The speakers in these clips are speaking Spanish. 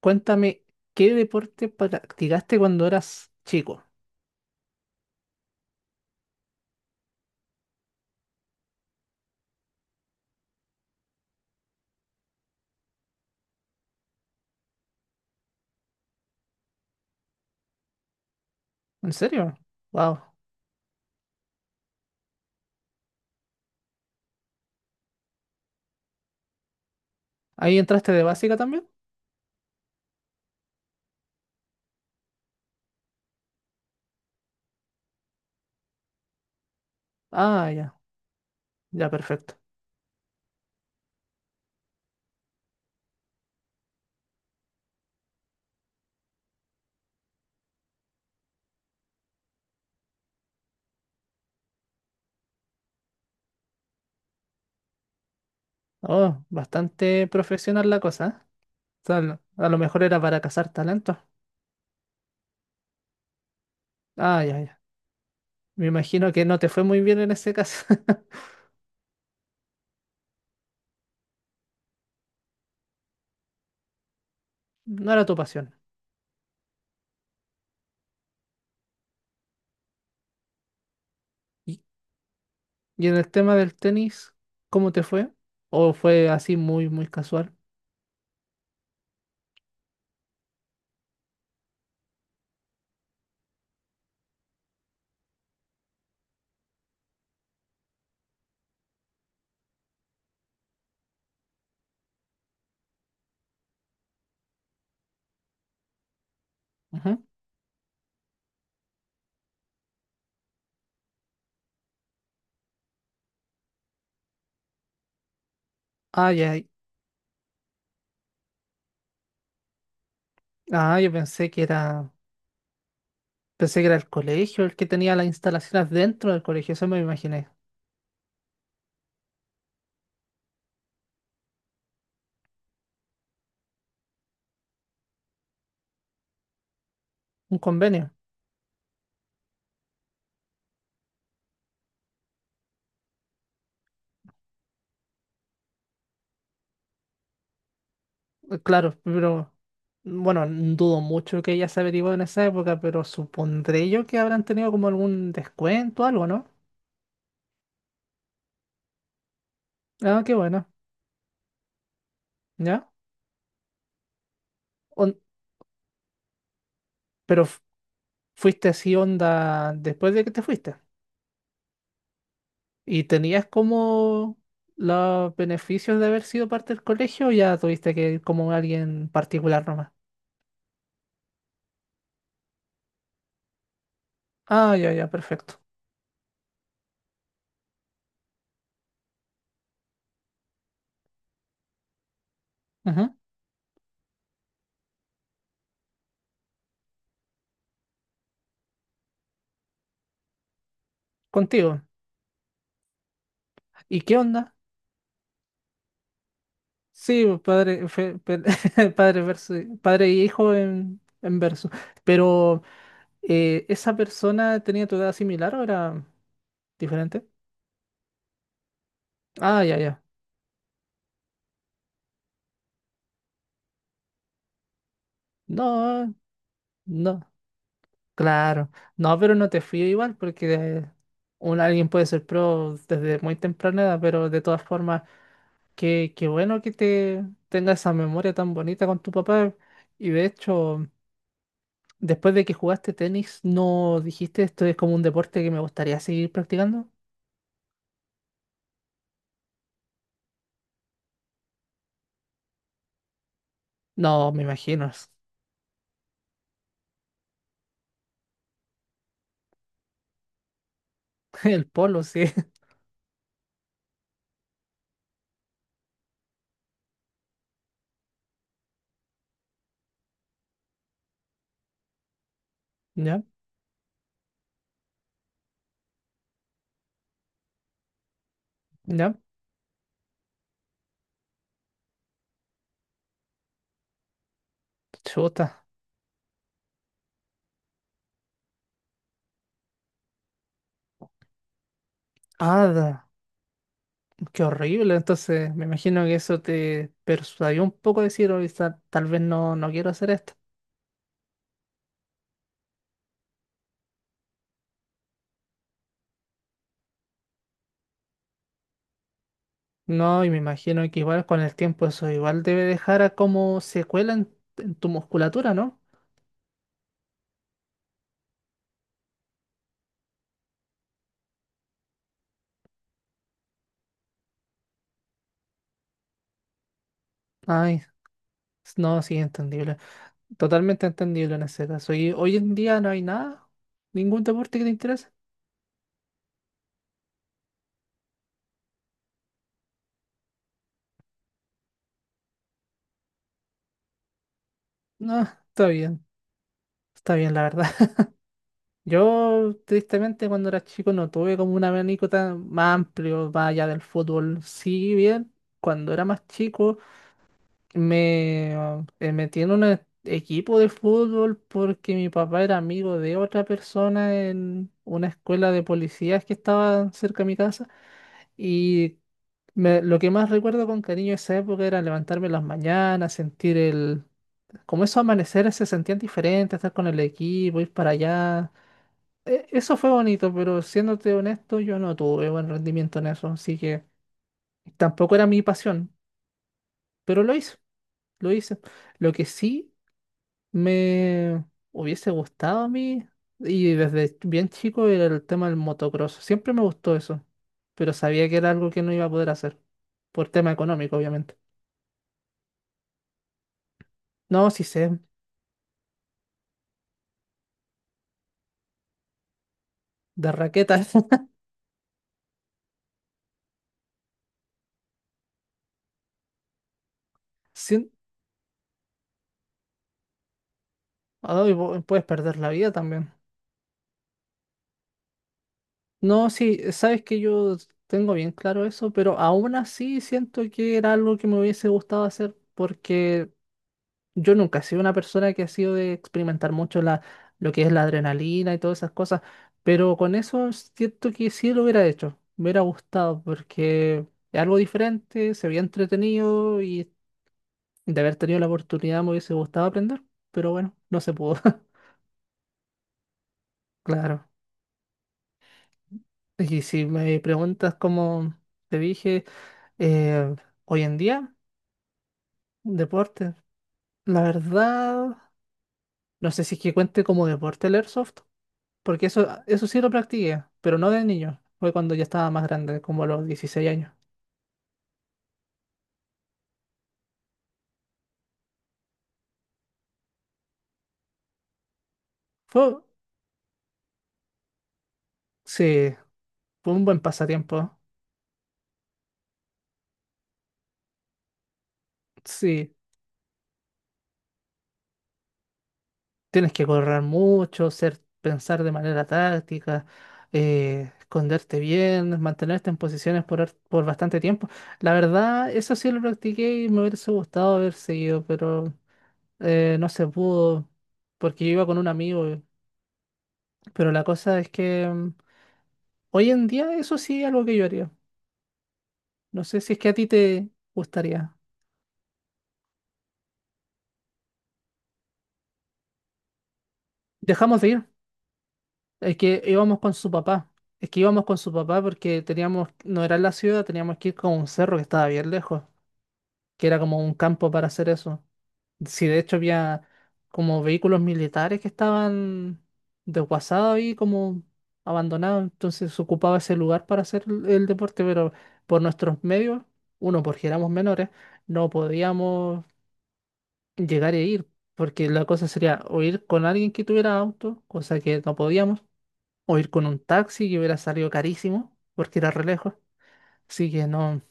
Cuéntame, ¿qué deporte practicaste cuando eras chico? ¿En serio? Wow. ¿Ahí entraste de básica también? Ah, ya, ya, perfecto. Oh, bastante profesional la cosa, ¿eh? O sea, a lo mejor era para cazar talentos. Ah, ya, ya. Me imagino que no te fue muy bien en ese caso. No era tu pasión. ¿Y, y en el tema del tenis, ¿cómo te fue? ¿O fue así muy casual? Ujú. Ah, ya. Ah, yo pensé que era. Pensé que era el colegio el que tenía las instalaciones dentro del colegio, eso me imaginé. Un convenio. Claro, pero bueno, dudo mucho que ella se averiguó en esa época, pero supondré yo que habrán tenido como algún descuento, algo, ¿no? Ah, qué bueno, ¿ya? On- pero f- Fuiste así onda después de que te fuiste. ¿Y tenías como los beneficios de haber sido parte del colegio o ya tuviste que ir como alguien particular nomás? Ah, ya, ya, perfecto. Ujú. Contigo. ¿Y qué onda? Sí, pues, padre, verso, padre y hijo en verso. Pero ¿esa persona tenía tu edad similar o era diferente? Ah, ya, ya. No, no, claro. No, pero no te fío igual porque alguien puede ser pro desde muy temprana edad, pero de todas formas, qué bueno que te tengas esa memoria tan bonita con tu papá. Y de hecho, después de que jugaste tenis, ¿no dijiste esto es como un deporte que me gustaría seguir practicando? No, me imagino. El polo, sí. Ya, ya. Chuta. Ada, qué horrible. Entonces, me imagino que eso te persuadió un poco a decir, "Oye, tal vez no, no quiero hacer esto." No, y me imagino que igual con el tiempo eso igual debe dejar a como secuela en tu musculatura, ¿no? Ay, no, sí, entendible. Totalmente entendible en ese caso. ¿Y hoy en día no hay nada? ¿Ningún deporte que te interese? No, está bien. Está bien, la verdad. Yo, tristemente, cuando era chico no tuve como un abanico tan más amplio, más allá del fútbol. Sí, bien, cuando era más chico metí en un equipo de fútbol porque mi papá era amigo de otra persona en una escuela de policías que estaba cerca de mi casa. Y lo que más recuerdo con cariño de esa época era levantarme en las mañanas, sentir el... Como esos amaneceres se sentían diferentes, estar con el equipo, ir para allá. Eso fue bonito, pero siéndote honesto, yo no tuve buen rendimiento en eso, así que tampoco era mi pasión, pero lo hice, lo hice. Lo que sí me hubiese gustado a mí, y desde bien chico, era el tema del motocross. Siempre me gustó eso, pero sabía que era algo que no iba a poder hacer, por tema económico, obviamente. No, sí sé, de raquetas. Sí, ay, puedes perder la vida también. No, sí, sabes que yo tengo bien claro eso, pero aún así siento que era algo que me hubiese gustado hacer porque yo nunca he sido una persona que ha sido de experimentar mucho lo que es la adrenalina y todas esas cosas, pero con eso siento que sí lo hubiera hecho, me hubiera gustado porque es algo diferente, se había entretenido y de haber tenido la oportunidad me hubiese gustado aprender, pero bueno, no se pudo. Claro. Y si me preguntas como te dije... Eh, hoy en día, deporte. La verdad, no sé si es que cuente como deporte el airsoft, porque eso sí lo practiqué, pero no de niño. Fue cuando ya estaba más grande, como a los 16 años. Fue, sí, fue un buen pasatiempo. Sí, tienes que correr mucho, pensar de manera táctica, esconderte bien, mantenerte en posiciones por bastante tiempo. La verdad, eso sí lo practiqué y me hubiese gustado haber seguido, pero no se pudo porque yo iba con un amigo, Pero la cosa es que hoy en día eso sí es algo que yo haría. No sé si es que a ti te gustaría. Dejamos de ir, es que íbamos con su papá. Es que íbamos con su papá porque teníamos, no era en la ciudad, teníamos que ir con un cerro que estaba bien lejos, que era como un campo para hacer eso. Sí, de hecho había como vehículos militares que estaban desguazados y como abandonados, entonces se ocupaba ese lugar para hacer el deporte, pero por nuestros medios, uno, porque éramos menores, no podíamos llegar e ir, porque la cosa sería o ir con alguien que tuviera auto, cosa que no podíamos, o ir con un taxi que hubiera salido carísimo, porque era re lejos, así que no.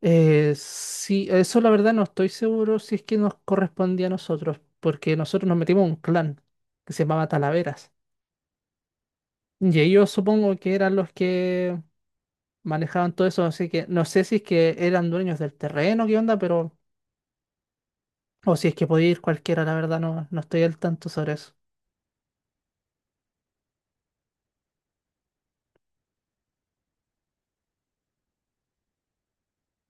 Sí, eso la verdad no estoy seguro si es que nos correspondía a nosotros, porque nosotros nos metimos a un clan que se llamaba Talaveras. Y ellos supongo que eran los que manejaban todo eso, así que no sé si es que eran dueños del terreno, qué onda, pero... O si es que podía ir cualquiera, la verdad no estoy al tanto sobre eso.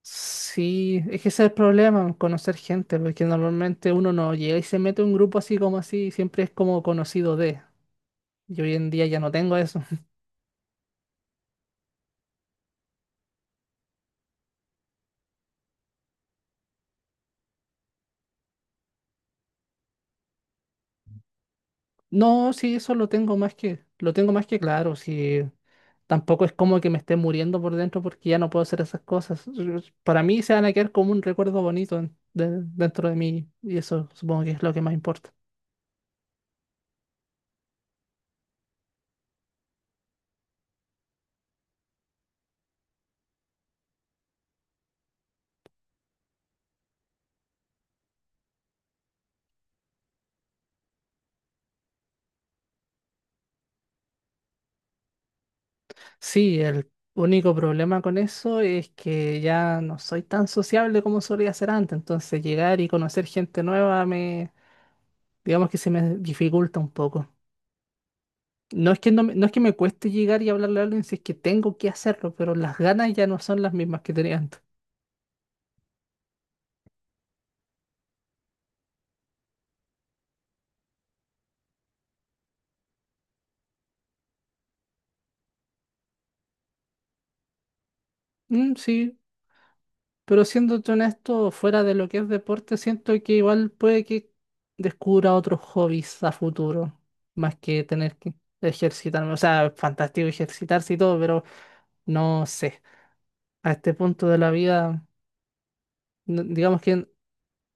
Sí, es que ese es el problema, conocer gente, porque normalmente uno no llega y se mete a un grupo así como así, siempre es como conocido de. Y hoy en día ya no tengo eso. No, sí, eso lo tengo más que claro. Sí, tampoco es como que me esté muriendo por dentro porque ya no puedo hacer esas cosas. Para mí se van a quedar como un recuerdo bonito dentro de mí y eso supongo que es lo que más importa. Sí, el único problema con eso es que ya no soy tan sociable como solía ser antes, entonces llegar y conocer gente nueva me, digamos que se me dificulta un poco. No es que me cueste llegar y hablarle a alguien si es que tengo que hacerlo, pero las ganas ya no son las mismas que tenía antes. Sí, pero siéndote honesto, fuera de lo que es deporte, siento que igual puede que descubra otros hobbies a futuro, más que tener que ejercitarme. O sea, fantástico ejercitarse y todo, pero no sé. A este punto de la vida, digamos que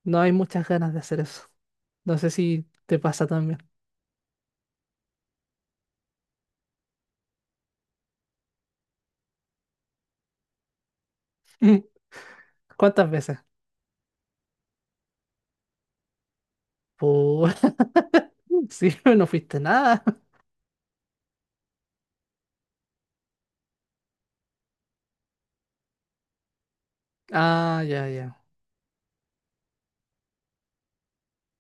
no hay muchas ganas de hacer eso. No sé si te pasa también. ¿Cuántas veces? Pues sí, no fuiste nada. Ah, ya, ya.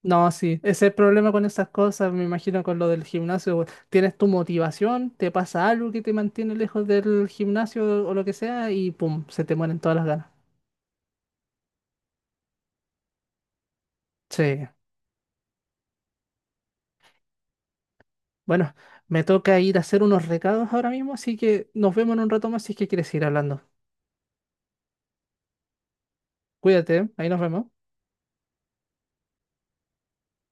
No, sí, ese es el problema con esas cosas, me imagino con lo del gimnasio. Tienes tu motivación, te pasa algo que te mantiene lejos del gimnasio o lo que sea y pum, se te mueren todas las ganas. Sí. Bueno, me toca ir a hacer unos recados ahora mismo, así que nos vemos en un rato más si es que quieres ir hablando. Cuídate, ¿eh? Ahí nos vemos.